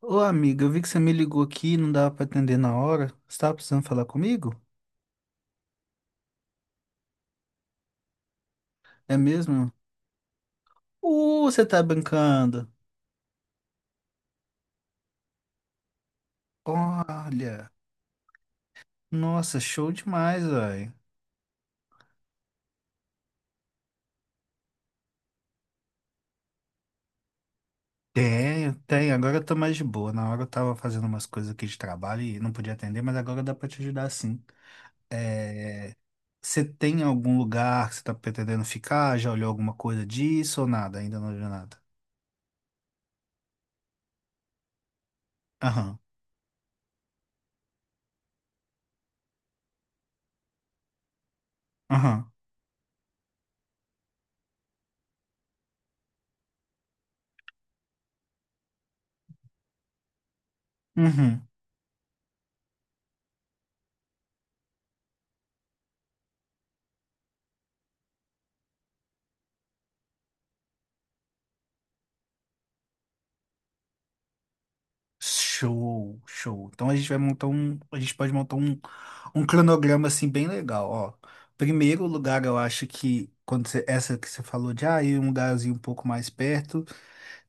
Ô amiga, eu vi que você me ligou aqui, e não dava pra atender na hora. Você tava precisando falar comigo? É mesmo? Você tá brincando. Olha, nossa, show demais, velho. Tenho. Agora eu tô mais de boa. Na hora eu tava fazendo umas coisas aqui de trabalho e não podia atender, mas agora dá pra te ajudar sim. É... Você tem algum lugar que você tá pretendendo ficar? Já olhou alguma coisa disso ou nada? Ainda não olhou nada. Aham, aham, uhum. Show. Então a gente vai montar um, a gente pode montar um, um cronograma assim bem legal, ó. Primeiro lugar, eu acho que essa que você falou de ir um lugarzinho um pouco mais perto,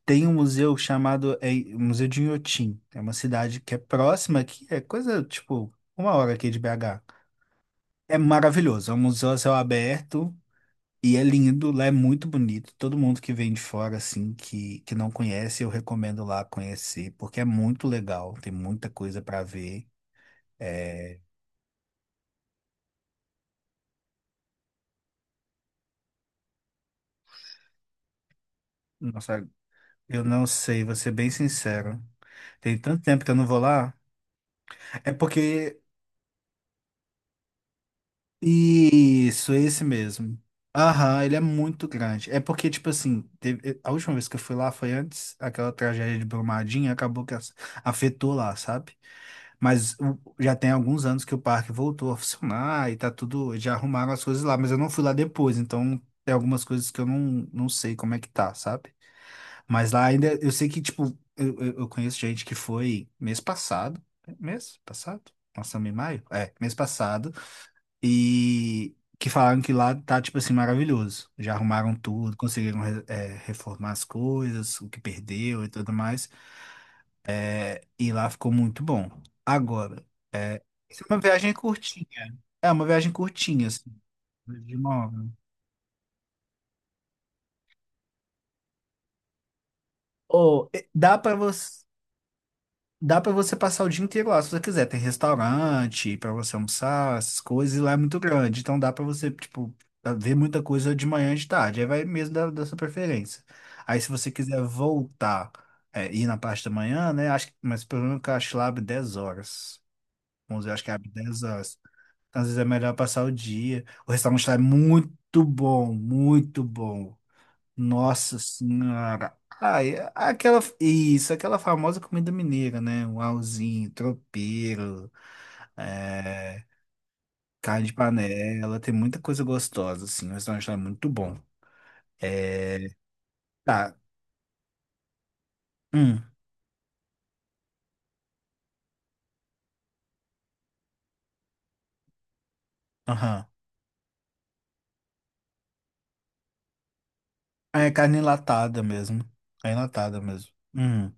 tem um museu chamado Museu de Inhotim. É uma cidade que é próxima aqui, é coisa tipo uma hora aqui de BH. É maravilhoso, é um museu a céu aberto e é lindo, lá é muito bonito. Todo mundo que vem de fora, assim, que não conhece, eu recomendo lá conhecer, porque é muito legal, tem muita coisa para ver. É, Nossa, eu não sei, vou ser bem sincero. Tem tanto tempo que eu não vou lá. É porque Isso, esse mesmo. Aham, ele é muito grande. É porque, tipo assim, a última vez que eu fui lá foi antes aquela tragédia de Brumadinho, acabou que afetou lá, sabe? Mas já tem alguns anos que o parque voltou a funcionar e tá tudo, já arrumaram as coisas lá, mas eu não fui lá depois, então tem algumas coisas que eu não sei como é que tá, sabe? Mas lá ainda, eu sei que, tipo, eu conheço gente que foi mês passado, né? Mês passado? Nós estamos em maio? É, mês passado. E que falaram que lá tá, tipo assim, maravilhoso. Já arrumaram tudo, conseguiram reformar as coisas, o que perdeu e tudo mais. E lá ficou muito bom. Agora, é, isso é uma viagem curtinha. É uma viagem curtinha, assim, de uma hora. Ou, eh, dá pra você. Dá pra você passar o dia inteiro lá, se você quiser. Tem restaurante pra você almoçar, essas coisas, e lá é muito grande. Então dá pra você, tipo, ver muita coisa de manhã e de tarde. Aí vai mesmo da sua preferência. Aí se você quiser voltar, é, ir na parte da manhã, né? Mas pelo menos que eu acho que lá abre 10 horas. 11, acho que abre 10 horas. Então, às vezes é melhor passar o dia. O restaurante lá é muito bom, muito bom. Nossa senhora. Aquela famosa comida mineira, né? Um auzinho, tropeiro, é, carne de panela, tem muita coisa gostosa, assim. O restaurante lá é muito bom. É, tá. Hum, aham. Ah, é carne enlatada mesmo. É enlatada mesmo. Hum.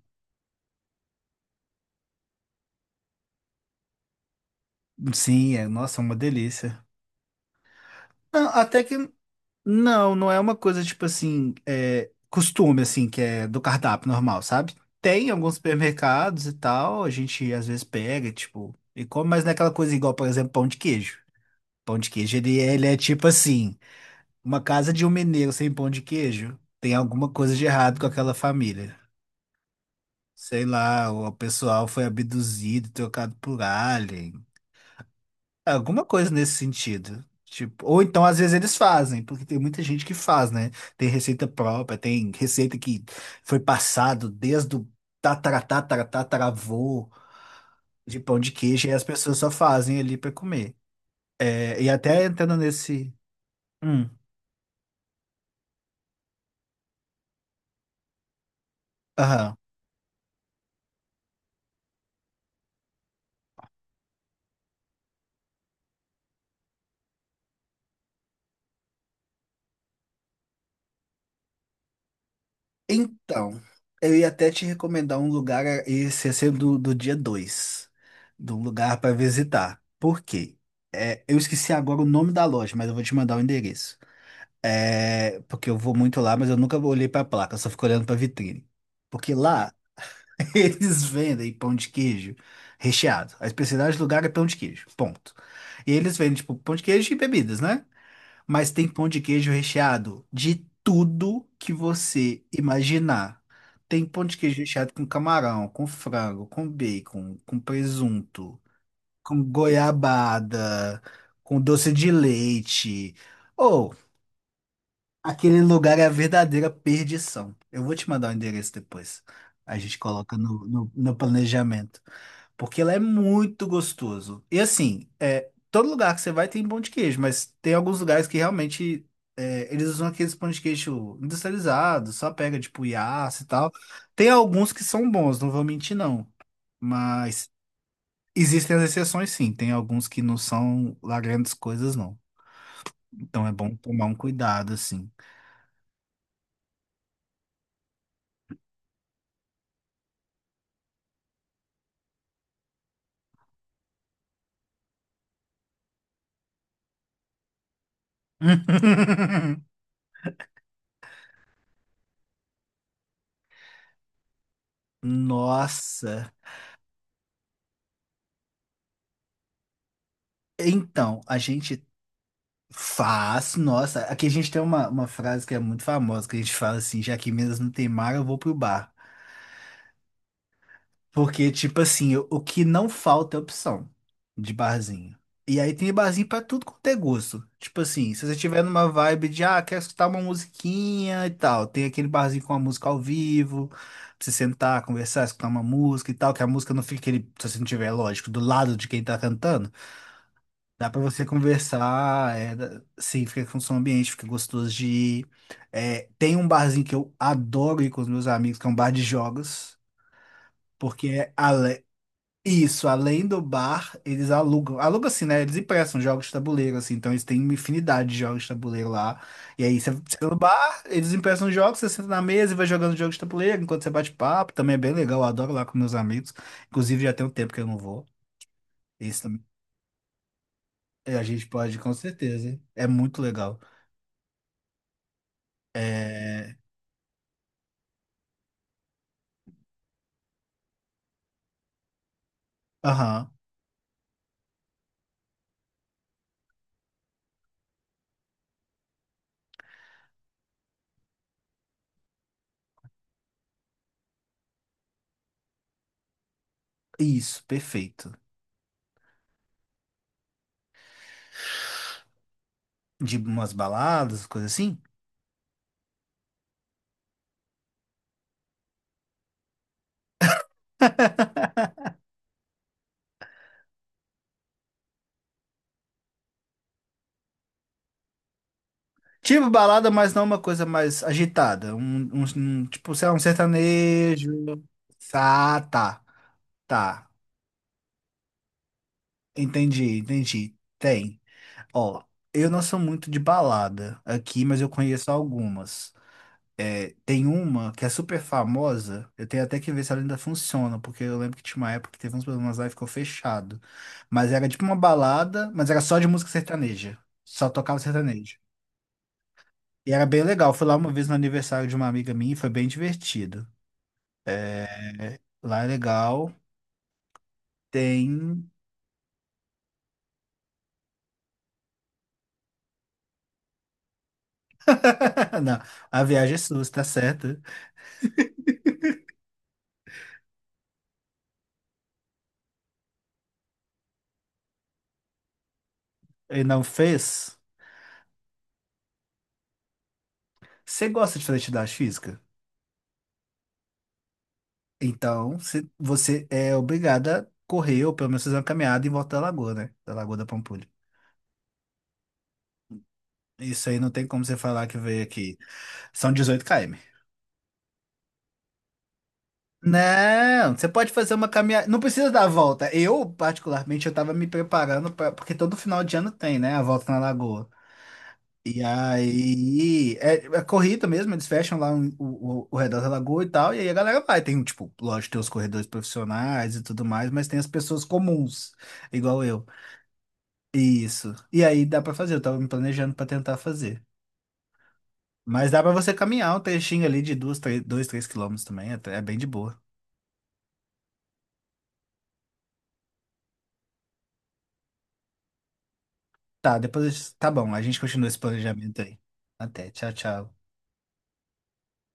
Sim, é, nossa, é uma delícia. Não, até que. Não, não é uma coisa tipo assim, é, costume assim, que é do cardápio normal, sabe? Tem alguns supermercados e tal, a gente às vezes pega, tipo, e come, mas não é aquela coisa igual, por exemplo, pão de queijo. Pão de queijo, ele é tipo assim, uma casa de um mineiro sem pão de queijo, tem alguma coisa de errado com aquela família. Sei lá, o pessoal foi abduzido, trocado por alien. Alguma coisa nesse sentido. Tipo, ou então, às vezes, eles fazem, porque tem muita gente que faz, né? Tem receita própria, tem receita que foi passado desde o tataratataratatravô de pão de queijo, e as pessoas só fazem ali pra comer. É, e até entrando nesse. Hum, aham. Então, eu ia até te recomendar um lugar, é, esse ia ser do dia 2 de um lugar para visitar. Por quê? É, eu esqueci agora o nome da loja, mas eu vou te mandar o endereço. É, porque eu vou muito lá, mas eu nunca olhei pra placa, eu só fico olhando pra vitrine. Porque lá eles vendem pão de queijo recheado. A especialidade do lugar é pão de queijo, ponto. E eles vendem, tipo, pão de queijo e bebidas, né? Mas tem pão de queijo recheado de tudo que você imaginar. Tem pão de queijo recheado com camarão, com frango, com bacon, com presunto, com goiabada, com doce de leite. Aquele lugar é a verdadeira perdição. Eu vou te mandar o endereço depois. A gente coloca no planejamento. Porque lá é muito gostoso. E assim, é, todo lugar que você vai tem pão de queijo, mas tem alguns lugares que realmente é, eles usam aqueles pão de queijo industrializados, só pega tipo Yassa e tal. Tem alguns que são bons, não vou mentir não. Mas existem as exceções sim. Tem alguns que não são lá grandes coisas não. Então é bom tomar um cuidado assim. Nossa. Então, a gente nossa, aqui a gente tem uma frase que é muito famosa, que a gente fala assim, já que em Minas não tem mar, eu vou pro bar. Porque, tipo assim, o que não falta é opção de barzinho. E aí tem barzinho pra tudo quanto é gosto. Tipo assim, se você tiver numa vibe de, ah, quero escutar uma musiquinha e tal, tem aquele barzinho com a música ao vivo, pra você sentar, conversar, escutar uma música e tal, que a música não fica aquele, se você não tiver, lógico, do lado de quem tá cantando. Dá para você conversar, sim, fica com som ambiente, fica gostoso de ir. É, tem um barzinho que eu adoro ir com os meus amigos, que é um bar de jogos, porque isso, além do bar, alugam assim, né? Eles emprestam jogos de tabuleiro, assim, então eles têm uma infinidade de jogos de tabuleiro lá. E aí você vai no bar, eles emprestam jogos, você senta na mesa e vai jogando jogos de tabuleiro enquanto você bate papo, também é bem legal, eu adoro lá com meus amigos. Inclusive já tem um tempo que eu não vou. Isso também, é, a gente pode, com certeza, é muito legal. É. Aham. Isso, perfeito. De umas baladas, coisa assim? Tipo balada, mas não uma coisa mais agitada. Tipo, sei lá, um sertanejo. Ah, tá. Tá. Entendi. Tem. Ó, eu não sou muito de balada aqui, mas eu conheço algumas. É, tem uma que é super famosa, eu tenho até que ver se ela ainda funciona, porque eu lembro que tinha uma época que teve uns problemas lá e ficou fechado. Mas era tipo uma balada, mas era só de música sertaneja. Só tocava sertanejo. E era bem legal. Fui lá uma vez no aniversário de uma amiga minha e foi bem divertido. Lá é legal. Tem. Não, a viagem é sua, você tá certa. E não fez? Você gosta de fazer atividade física? Você é obrigada a correr, ou pelo menos fazer uma caminhada em volta da lagoa, né? Da Lagoa da Pampulha. Isso aí não tem como você falar que veio aqui. São 18 km. Não, você pode fazer uma caminhada. Não precisa dar a volta. Eu, particularmente, eu tava me preparando pra... porque todo final de ano tem, né? A volta na lagoa. E aí é corrida mesmo, eles fecham o redor da lagoa e tal, e aí a galera vai. Tem, um, tipo, lógico, tem os corredores profissionais e tudo mais, mas tem as pessoas comuns, igual eu. Isso. E aí dá pra fazer, eu tava me planejando pra tentar fazer. Mas dá pra você caminhar um trechinho ali de dois, três quilômetros também. É, é bem de boa. Tá, depois. Tá bom, a gente continua esse planejamento aí. Até. Tchau, tchau.